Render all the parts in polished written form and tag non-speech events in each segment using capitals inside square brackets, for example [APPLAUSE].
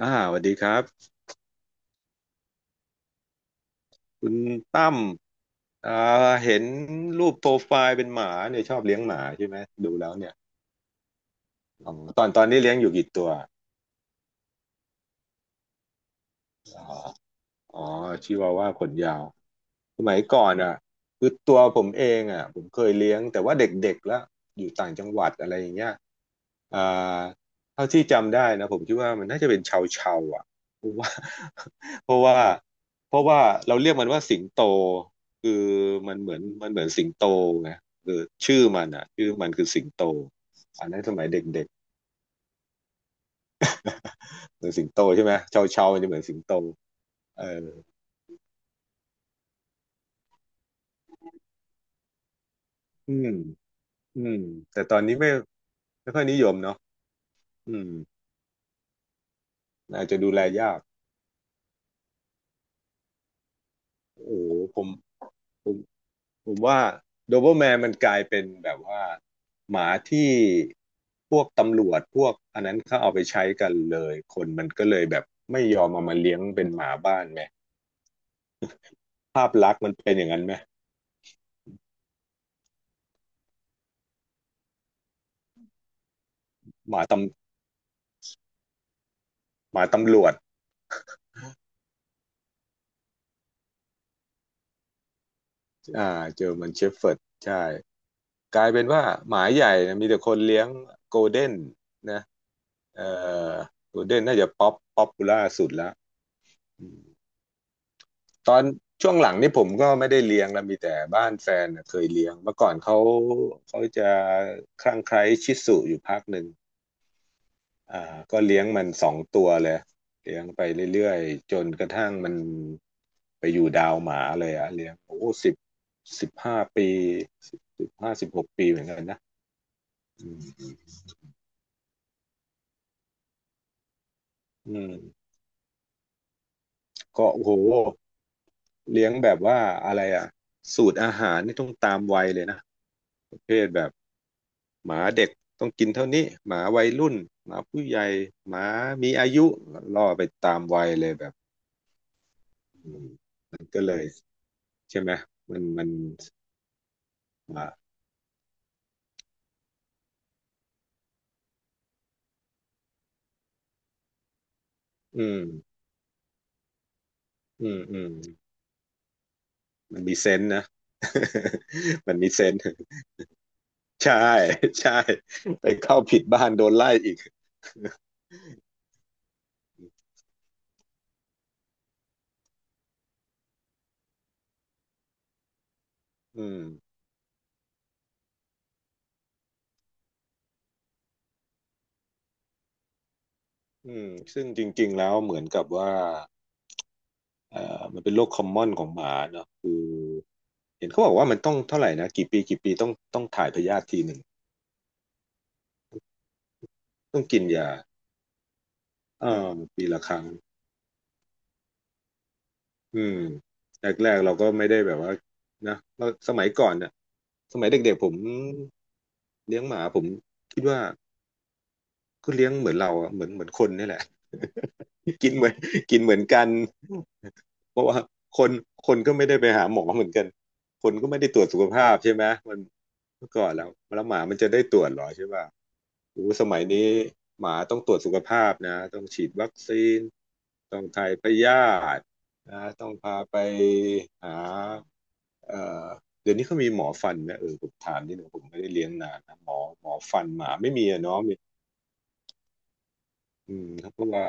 อ่าสวัสดีครับคุณตั้มอ่าเห็นรูปโปรไฟล์เป็นหมาเนี่ยชอบเลี้ยงหมาใช่ไหมดูแล้วเนี่ยอ๋อตอนนี้เลี้ยงอยู่กี่ตัวอ๋อชิวาว่าขนยาวสมัยก่อนอ่ะคือตัวผมเองอ่ะผมเคยเลี้ยงแต่ว่าเด็กๆแล้วอยู่ต่างจังหวัดอะไรอย่างเงี้ย อ่าเท่าที่จำได้นะผมคิดว่ามันน่าจะเป็นชาวชาวอ่ะเพราะว่า [LAUGHS] เพราะว่าเพราะว่าเราเรียกมันว่าสิงโตคือมันเหมือนสิงโตไงคือชื่อมันคือสิงโตอันนั้นสมัยเด็กๆเหมือนสิงโตใช่ไหมชาวชาวมันจะเหมือนสิงโตเอออืมอืมแต่ตอนนี้ไม่ค่อยนิยมเนาะอืมอาจจะดูแลยากโอ้โหผมผม ผมว่าโดเ b อ e แมนมันกลายเป็นแบบว่าหมาที่พวกตำรวจพวกอันนั้นเขาเอาไปใช้กันเลยคนมันก็เลยแบบไม่ยอมเอามาเลี้ยงเป็นหมาบ้านไหมภาพลักษณ์มันเป็นอย่างนั้นไหมหมาตหมาตำรวจอ่าเจอมันเชฟเฟิร์ดใช่กลายเป็นว่าหมาใหญ่นะมีแต่คนเลี้ยงโกลเด้นนะเอ่อโกลเด้นน่าจะป๊อปปูล่าสุดแล้ว ตอนช่วงหลังนี่ผมก็ไม่ได้เลี้ยงแล้วมีแต่บ้านแฟนน่ะเคยเลี้ยงเมื่อก่อนเขาเขาจะคลั่งไคล้ชิสุอยู่พักหนึ่งอ่าก็เลี้ยงมัน2 ตัวเลยเลี้ยงไปเรื่อยๆจนกระทั่งมันไปอยู่ดาวหมาเลยอะเลี้ยงโอ้สิบ15 ปี15-16 ปีเหมือนกันนะอืมอืมก็โอ้โหเลี้ยงแบบว่าอะไรอะสูตรอาหารนี่ต้องตามวัยเลยนะประเภทแบบ หมาเด็กต้องกินเท่านี้หมาวัยรุ่นหมาผู้ใหญ่หมามีอายุล่อไปตามวัยเลยแบบมันก็เลยใช่ไหมมันอ่าอืมอืมอืมมันมีเซนส์นะ [LAUGHS] มันมีเซนส์ใช่ [LAUGHS] ใช่ไปเข้าผิดบ้านโดนไล่อีก [LAUGHS] อืมอืมซึ่งจริงๆแล้วเหมือนกับว่ามันเป็นโรคคอมมอนของหมาเนอะคือเห็นเขาบอกว่ามันต้องเท่าไหร่นะกี่ปีกี่ปีต้องถ่ายพยาธิทีหนึ่งต้องกินยา เออปีละครั้งอืมแรกๆเราก็ไม่ได้แบบว่านะเราสมัยก่อนเนี่ยสมัยเด็กๆผมเลี้ยงหมาผมคิดว่า ก็เลี้ยงเหมือนเราอะเหมือนเหมือนคนนี่แหละ [LAUGHS] กินเหมือนกินเหมือนกันเพราะว่าคนคนก็ไม่ได้ไปหาหมอเหมือนกันคนก็ไม่ได้ตรวจสุขภาพใช่ไหมมันเมื่อก่อนแล้วแล้วหมามันจะได้ตรวจเหรอใช่ป่ะโอ้สมัยนี้หมาต้องตรวจสุขภาพนะต้องฉีดวัคซีนต้องถ่ายพยาธินะต้องพาไปหาเอ่อเดี๋ยวนี้เขามีหมอฟันไหมเออผมถามนิดหนึ่งผมไม่ได้เลี้ยงนานนะหมอฟันหมาไม่มีอะเนาะ อืมเขาก็ว่า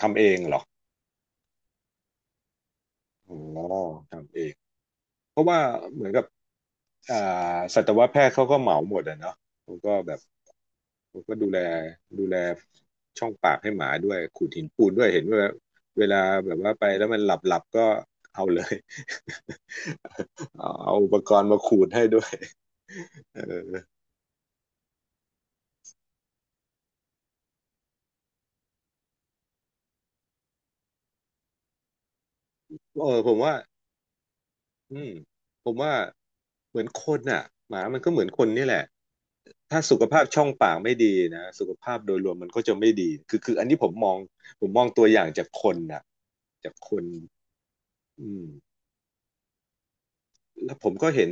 ทำเองเหรออ๋อทำเองเพราะว่าเหมือนกับอ่าสัตวแพทย์เขาก็เหมาหมดอะเนาะเขาก็แบบเขาก็ดูแลช่องปากให้หมาด้วยขูดหินปูนด้วยเห็นว่าเวลาแบบว่าไปแล้วมันหลับหลับก็เอาเลย [LAUGHS] เอาอุปกรณ์มาขูดให้ด้วยเออเอออืมผมว่าเหมือนคนอ่ะหมามันก็เหมือนคนนี่แหละถ้าสุขภาพช่องปากไม่ดีนะสุขภาพโดยรวมมันก็จะไม่ดีคืออันนี้ผมมองตัวอย่างจากคนน่ะจากคนอืมแล้วผมก็เห็น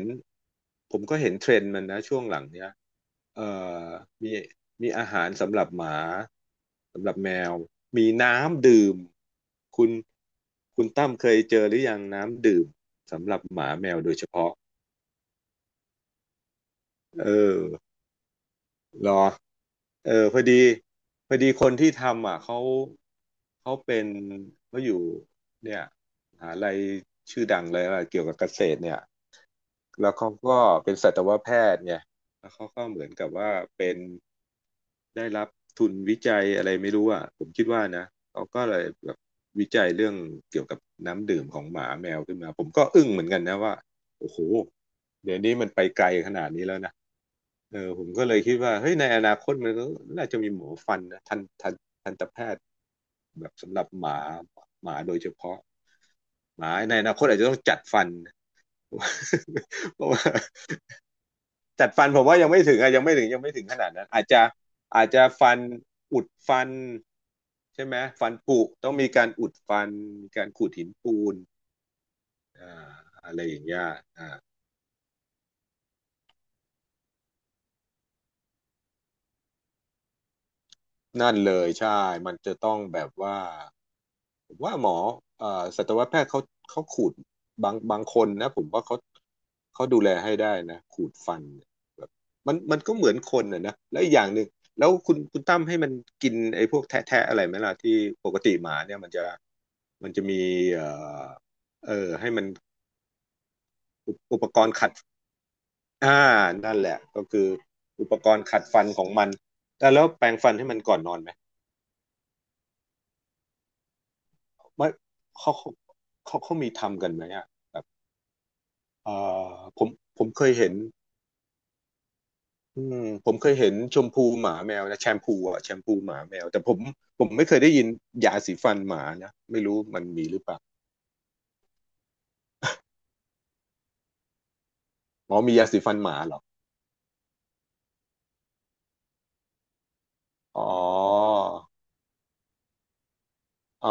ผมก็เห็นเทรนด์มันนะช่วงหลังเนี้ยเอ่อมีมีอาหารสำหรับหมาสำหรับแมวมีน้ำดื่มคุณคุณตั้มเคยเจอหรือยังน้ำดื่มสำหรับหมาแมวโดยเฉพาะเออ เหรอเออพอดีพอดีคนที่ทำอ่ะเขาเป็นเขาอยู่เนี่ยมหาลัยชื่อดังเลยอะไรเกี่ยวกับเกษตรเนี่ยแล้วเขาก็เป็นสัตวแพทย์ไงแล้วเขาก็เหมือนกับว่าเป็นได้รับทุนวิจัยอะไรไม่รู้อ่ะผมคิดว่านะเขาก็เลยแบบวิจัยเรื่องเกี่ยวกับน้ำดื่มของหมาแมวขึ้นมาผมก็อึ้งเหมือนกันนะว่าโอ้โหเดี๋ยวนี้มันไปไกลขนาดนี้แล้วนะ เออผมก็เลยคิดว่าเฮ้ยในอนาคตมันก็น่าจะมีหมอฟันนะทันตแพทย์แบบสำหรับหมาโดยเฉพาะหมาในอนาคตอาจจะต้องจัดฟัน [LAUGHS] เพราะว่าจัดฟันผมว่ายังไม่ถึงขนาดนั้นอาจจะฟันอุดฟันใช่ไหมฟันผุต้องมีการอุดฟันมีการขูดหินปูนอ่าอะไรอย่างเงี้ยอ่า นั่นเลยใช่มันจะต้องแบบว่าผมว่าหมอเอ่อสัตวแพทย์เขาขูดบางคนนะผมว่าเขาดูแลให้ได้นะขูดฟันเนี่ยแบบมันก็เหมือนคนอ่ะนะแล้วอีกอย่างหนึ่งแล้วคุณตั้มให้มันกินไอ้พวกแทะอะไรไหมล่ะที่ปกติหมาเนี่ยมันจะมีเอ่อให้มันอุปกรณ์ขัดอ่านั่นแหละก็คืออุปกรณ์ขัดฟันของมันแล้วแปรงฟันให้มันก่อนนอนไหม ไม่เขาเขามีทำกันไหมอ่ะแบบเออผมเคยเห็นอืมผมเคยเห็นชมพูหมาแมวนะแชมพูอ่ะแชมพูหมาแมวแต่ผมไม่เคยได้ยินยาสีฟันหมานะไม่รู้มันมีหรือเปล่าอ๋อมียาสีฟันหมาเหรออ๋ออ๋อ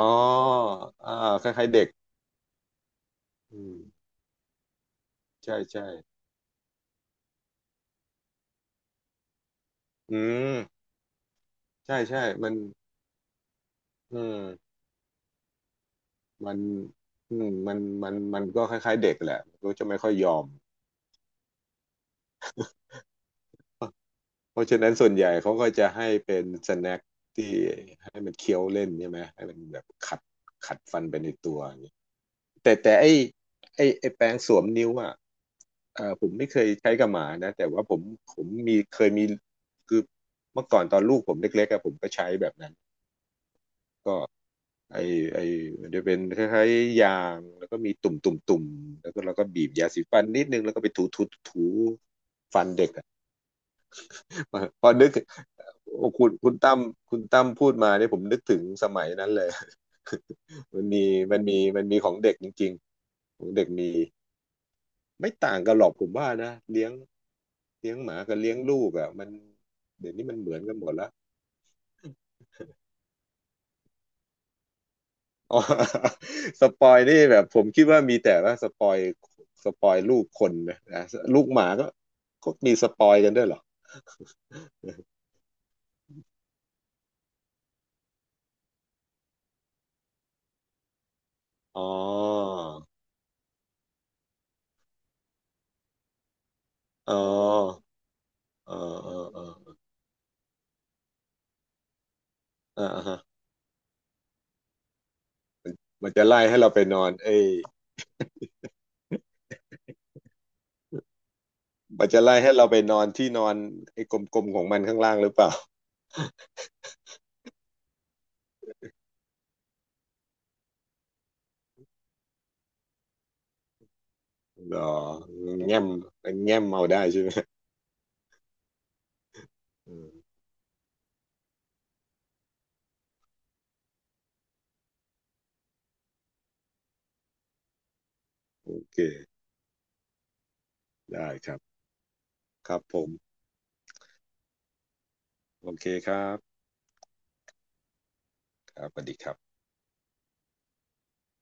อ่าคล้ายๆเด็กอืมใช่ใช่อืมใช่ใช่มันอืมมันอืมมันมันก็คล้ายๆเด็กแหละก็จะไม่ค่อยยอม เพราะฉะนั้นส่วนใหญ่เขาก็จะให้เป็นสแน็คที่ให้มันเคี้ยวเล่นใช่ไหมให้มันแบบขัดฟันไปในตัวอย่างนี้แต่ไอ้แปรงสวมนิ้วอ่ะผมไม่เคยใช้กับหมานะแต่ว่าผมผมมีเคยมีคือเมื่อก่อนตอนลูกผมเล็กๆอะผมก็ใช้แบบนั้นก็ไอไอมันจะเป็นคล้ายๆยางแล้วก็มีตุ่มตุ่มแล้วก็เราก็บีบยาสีฟันนิดนึงแล้วก็ไปถูถูฟันเด็กอะ [LAUGHS] พอนึก โอ้คุณคุณตั้มพูดมาเนี่ยผมนึกถึงสมัยนั้นเลย [LAUGHS] มันมีมันมีของเด็กจริงๆของเด็กมีไม่ต่างกันหรอกผมว่านะเลี้ยงหมากับเลี้ยงลูกอ่ะมันเดี๋ยวนี้มันเหมือนกันหมดละ [LAUGHS] อ๋อ [LAUGHS] สปอยนี่แบบผมคิดว่ามีแต่ว่าสปอยลูกคนนะนะลูกหมาก็มีสปอยกันด้วยเหรอ [LAUGHS] อ๋ออ๋ออ๋ออ๋ออ๋ออออ่าฮะมันจะไล่ให้เราไปนอนเอ้ย มันจะไล่ให้เราไปนอนที่นอนไอ้กลมๆของมันข้างล่างหรือเปล่า [LAUGHS] หรอแง้มมันแง้มเอาได้ใช่ไหมอืมโอเคได้ครับครับผมโอเคครับครับสวัสดีครับ